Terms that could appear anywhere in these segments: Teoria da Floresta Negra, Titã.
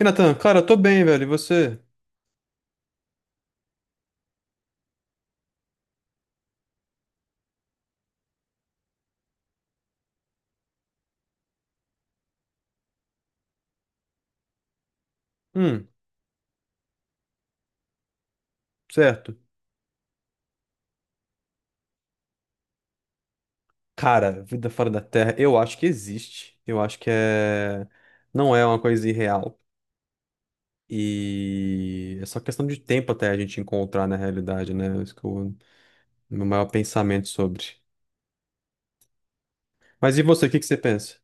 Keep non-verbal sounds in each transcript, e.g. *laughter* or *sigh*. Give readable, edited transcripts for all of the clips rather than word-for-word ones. E Natan, cara, eu tô bem, velho. E você? Hum, certo. Cara, vida fora da Terra, eu acho que existe. Eu acho que é. Não é uma coisa irreal. E é só questão de tempo até a gente encontrar na realidade, né? É isso que é o meu maior pensamento sobre. Mas e você, o que que você pensa?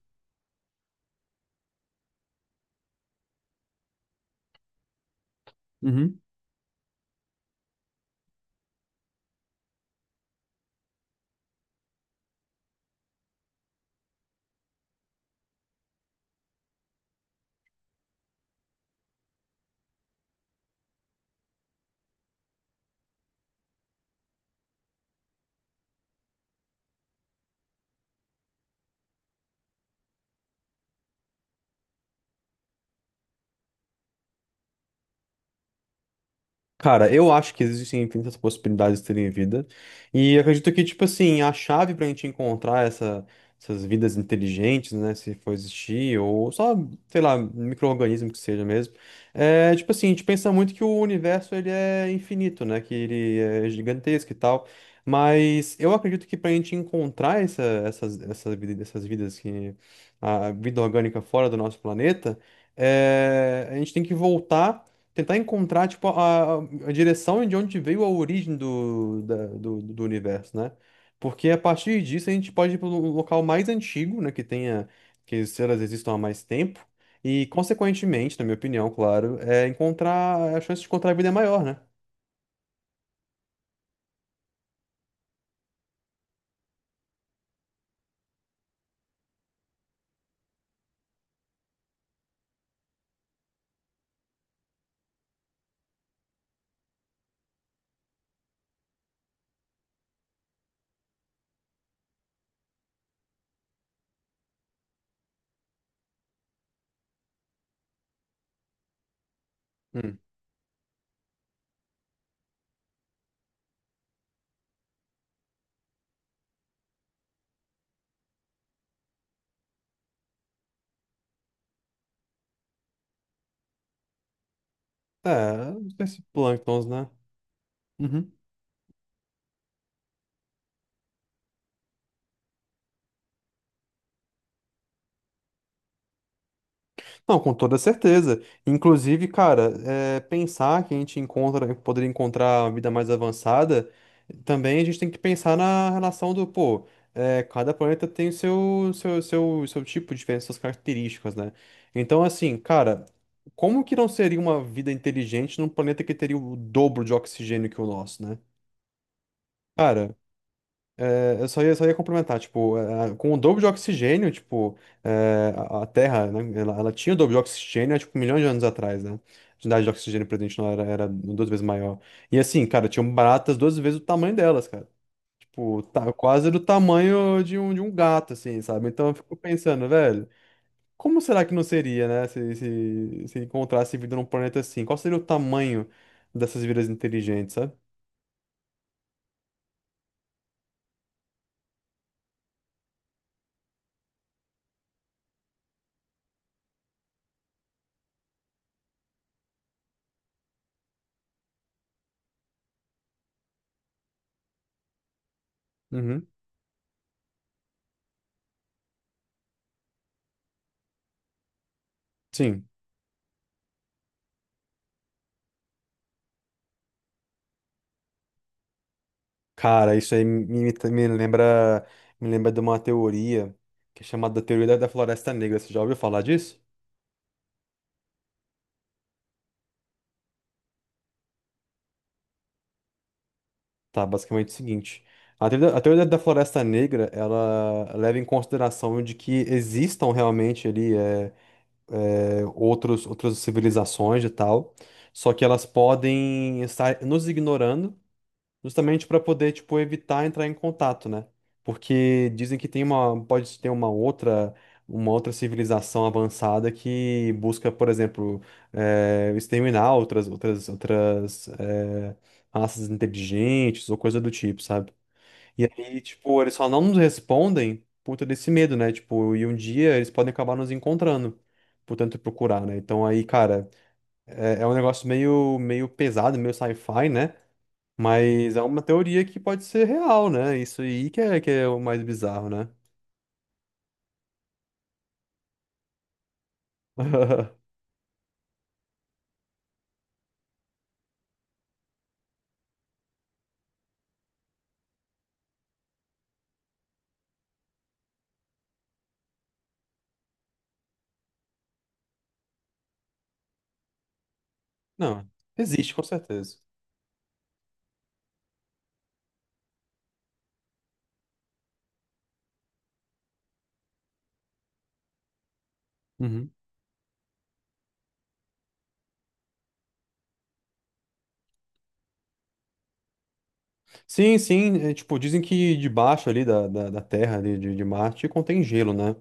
Cara, eu acho que existem infinitas possibilidades de terem vida. E acredito que, tipo assim, a chave pra gente encontrar essas vidas inteligentes, né? Se for existir, ou só, sei lá, micro-organismo que seja mesmo. É, tipo assim, a gente pensa muito que o universo, ele é infinito, né? Que ele é gigantesco e tal. Mas eu acredito que pra gente encontrar essas vidas que... A vida orgânica fora do nosso planeta, é, a gente tem que voltar. Tentar encontrar, tipo, a direção de onde veio a origem do universo, né? Porque a partir disso a gente pode ir para o local mais antigo, né? Que tenha, que se elas existam há mais tempo. E, consequentemente, na minha opinião, claro, é encontrar, a chance de encontrar vida é maior, né? Hum. É, esses plânctons, né? Uhum. Não, com toda certeza. Inclusive, cara, é, pensar que a gente encontra, poderia encontrar uma vida mais avançada, também a gente tem que pensar na relação do, pô, é, cada planeta tem o seu tipo diferente, suas características, né? Então, assim, cara, como que não seria uma vida inteligente num planeta que teria o dobro de oxigênio que o nosso, né? Cara, eu só ia complementar, tipo, com o dobro de oxigênio, tipo, a Terra, né, ela tinha o dobro de oxigênio há, tipo, milhões de anos atrás, né? A quantidade de oxigênio presente na era duas vezes maior. E assim, cara, tinham baratas duas vezes o tamanho delas, cara. Tipo, tá quase do tamanho de um gato, assim, sabe? Então eu fico pensando, velho, como será que não seria, né, se encontrasse vida num planeta assim? Qual seria o tamanho dessas vidas inteligentes, sabe? Uhum. Sim. Cara, me lembra, me lembra de uma teoria que é chamada Teoria da Floresta Negra. Você já ouviu falar disso? Tá, basicamente é o seguinte. A teoria da Floresta Negra, ela leva em consideração de que existam realmente ali outras civilizações e tal, só que elas podem estar nos ignorando. Justamente para poder, tipo, evitar entrar em contato, né? Porque dizem que tem uma, pode ter uma outra civilização avançada que busca, por exemplo, exterminar outras, raças inteligentes ou coisa do tipo, sabe? E aí, tipo, eles só não nos respondem por todo esse medo, né? Tipo, e um dia eles podem acabar nos encontrando. Portanto, procurar, né? Então aí, cara, é, é um negócio meio pesado, meio sci-fi, né? Mas é uma teoria que pode ser real, né? Isso aí que é o mais bizarro, né? *laughs* Não, existe, com certeza. Uhum. Sim, sim, é, tipo, dizem que debaixo ali da Terra, ali de Marte, contém gelo, né?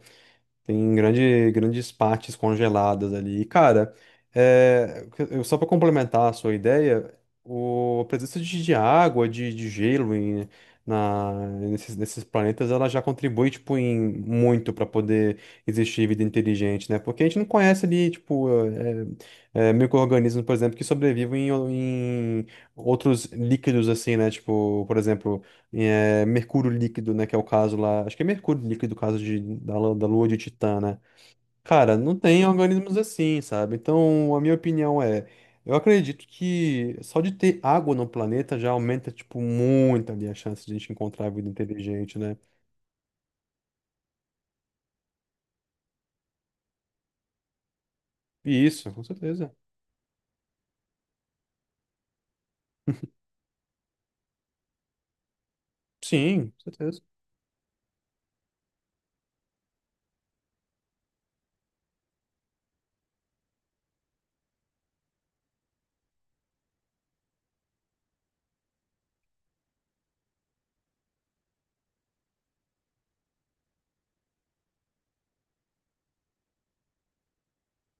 Grandes partes congeladas ali. E, cara, é, só para complementar a sua ideia, a presença de água, de gelo em, na, nesses planetas, ela já contribui, tipo, em muito para poder existir vida inteligente, né? Porque a gente não conhece ali, tipo, micro-organismos, por exemplo, que sobrevivem em outros líquidos, assim, né? Tipo, por exemplo é, mercúrio líquido, né? Que é o caso lá. Acho que é mercúrio líquido, o caso da lua de Titã, né? Cara, não tem organismos assim, sabe? Então, a minha opinião é. Eu acredito que só de ter água no planeta já aumenta, tipo, muito ali a chance de a gente encontrar vida inteligente, né? E isso, com certeza. Sim, com certeza.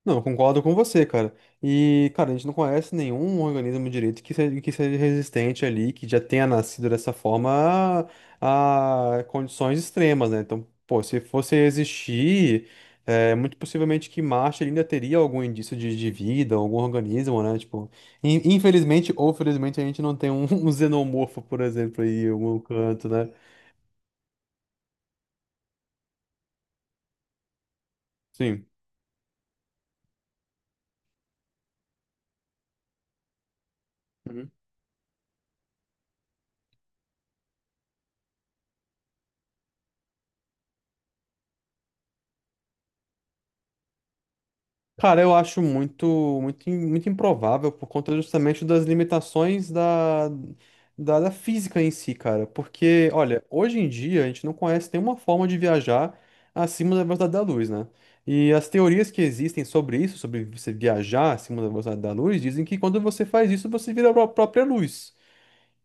Não, eu concordo com você, cara. E, cara, a gente não conhece nenhum organismo direito que seja resistente ali, que já tenha nascido dessa forma a condições extremas, né? Então, pô, se fosse existir, é, muito possivelmente que Marte ainda teria algum indício de vida, algum organismo, né? Tipo, infelizmente ou felizmente a gente não tem um, *laughs* um xenomorfo, por exemplo, aí em algum canto, né? Sim. Cara, eu acho muito, muito improvável por conta justamente das limitações da física em si, cara. Porque, olha, hoje em dia a gente não conhece nenhuma forma de viajar acima da velocidade da luz, né? E as teorias que existem sobre isso, sobre você viajar acima da velocidade da luz, dizem que quando você faz isso, você vira a própria luz.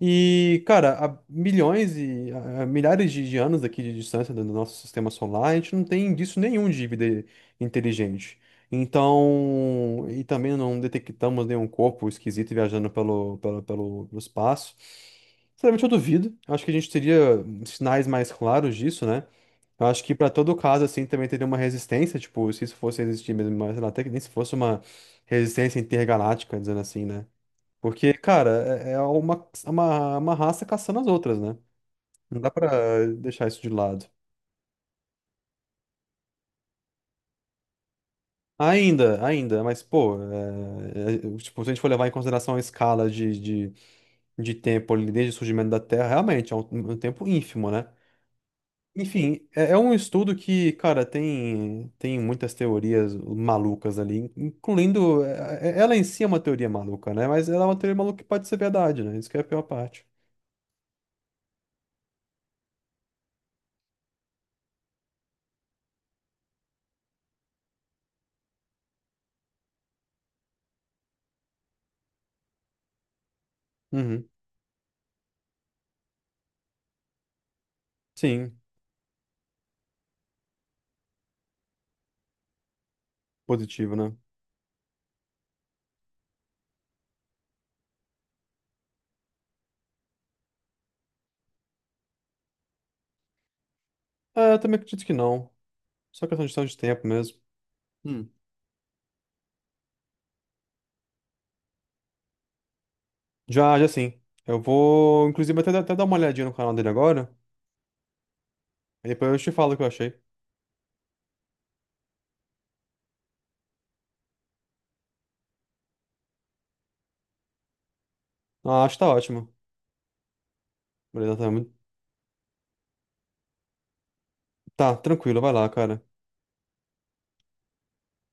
E, cara, há milhões e há milhares de anos aqui de distância do nosso sistema solar, a gente não tem indício nenhum de vida inteligente. Então, e também não detectamos nenhum corpo esquisito viajando pelo espaço. Sinceramente, eu duvido. Acho que a gente teria sinais mais claros disso, né? Eu acho que para todo caso, assim, também teria uma resistência, tipo, se isso fosse existir mesmo, mas sei lá, até que nem se fosse uma resistência intergaláctica, dizendo assim, né? Porque, cara, é é uma, é uma, é uma raça caçando as outras, né? Não dá pra deixar isso de lado. Ainda, ainda, mas, pô, é, tipo, se a gente for levar em consideração a escala de, de tempo ali desde o surgimento da Terra, realmente é um, um tempo ínfimo, né? Enfim, é, é um estudo que, cara, tem muitas teorias malucas ali, incluindo. É Ela em si é uma teoria maluca, né? Mas ela é uma teoria maluca que pode ser verdade, né? Isso que é a pior parte. Uhum. Sim, positivo, né? É, eu também acredito que não. Só questão de tempo mesmo. Hum. Já, já sim. Eu vou, inclusive, até dar uma olhadinha no canal dele agora. E depois eu te falo o que eu achei. Ah, acho que tá ótimo. Beleza, tá, tá, tranquilo, vai lá, cara.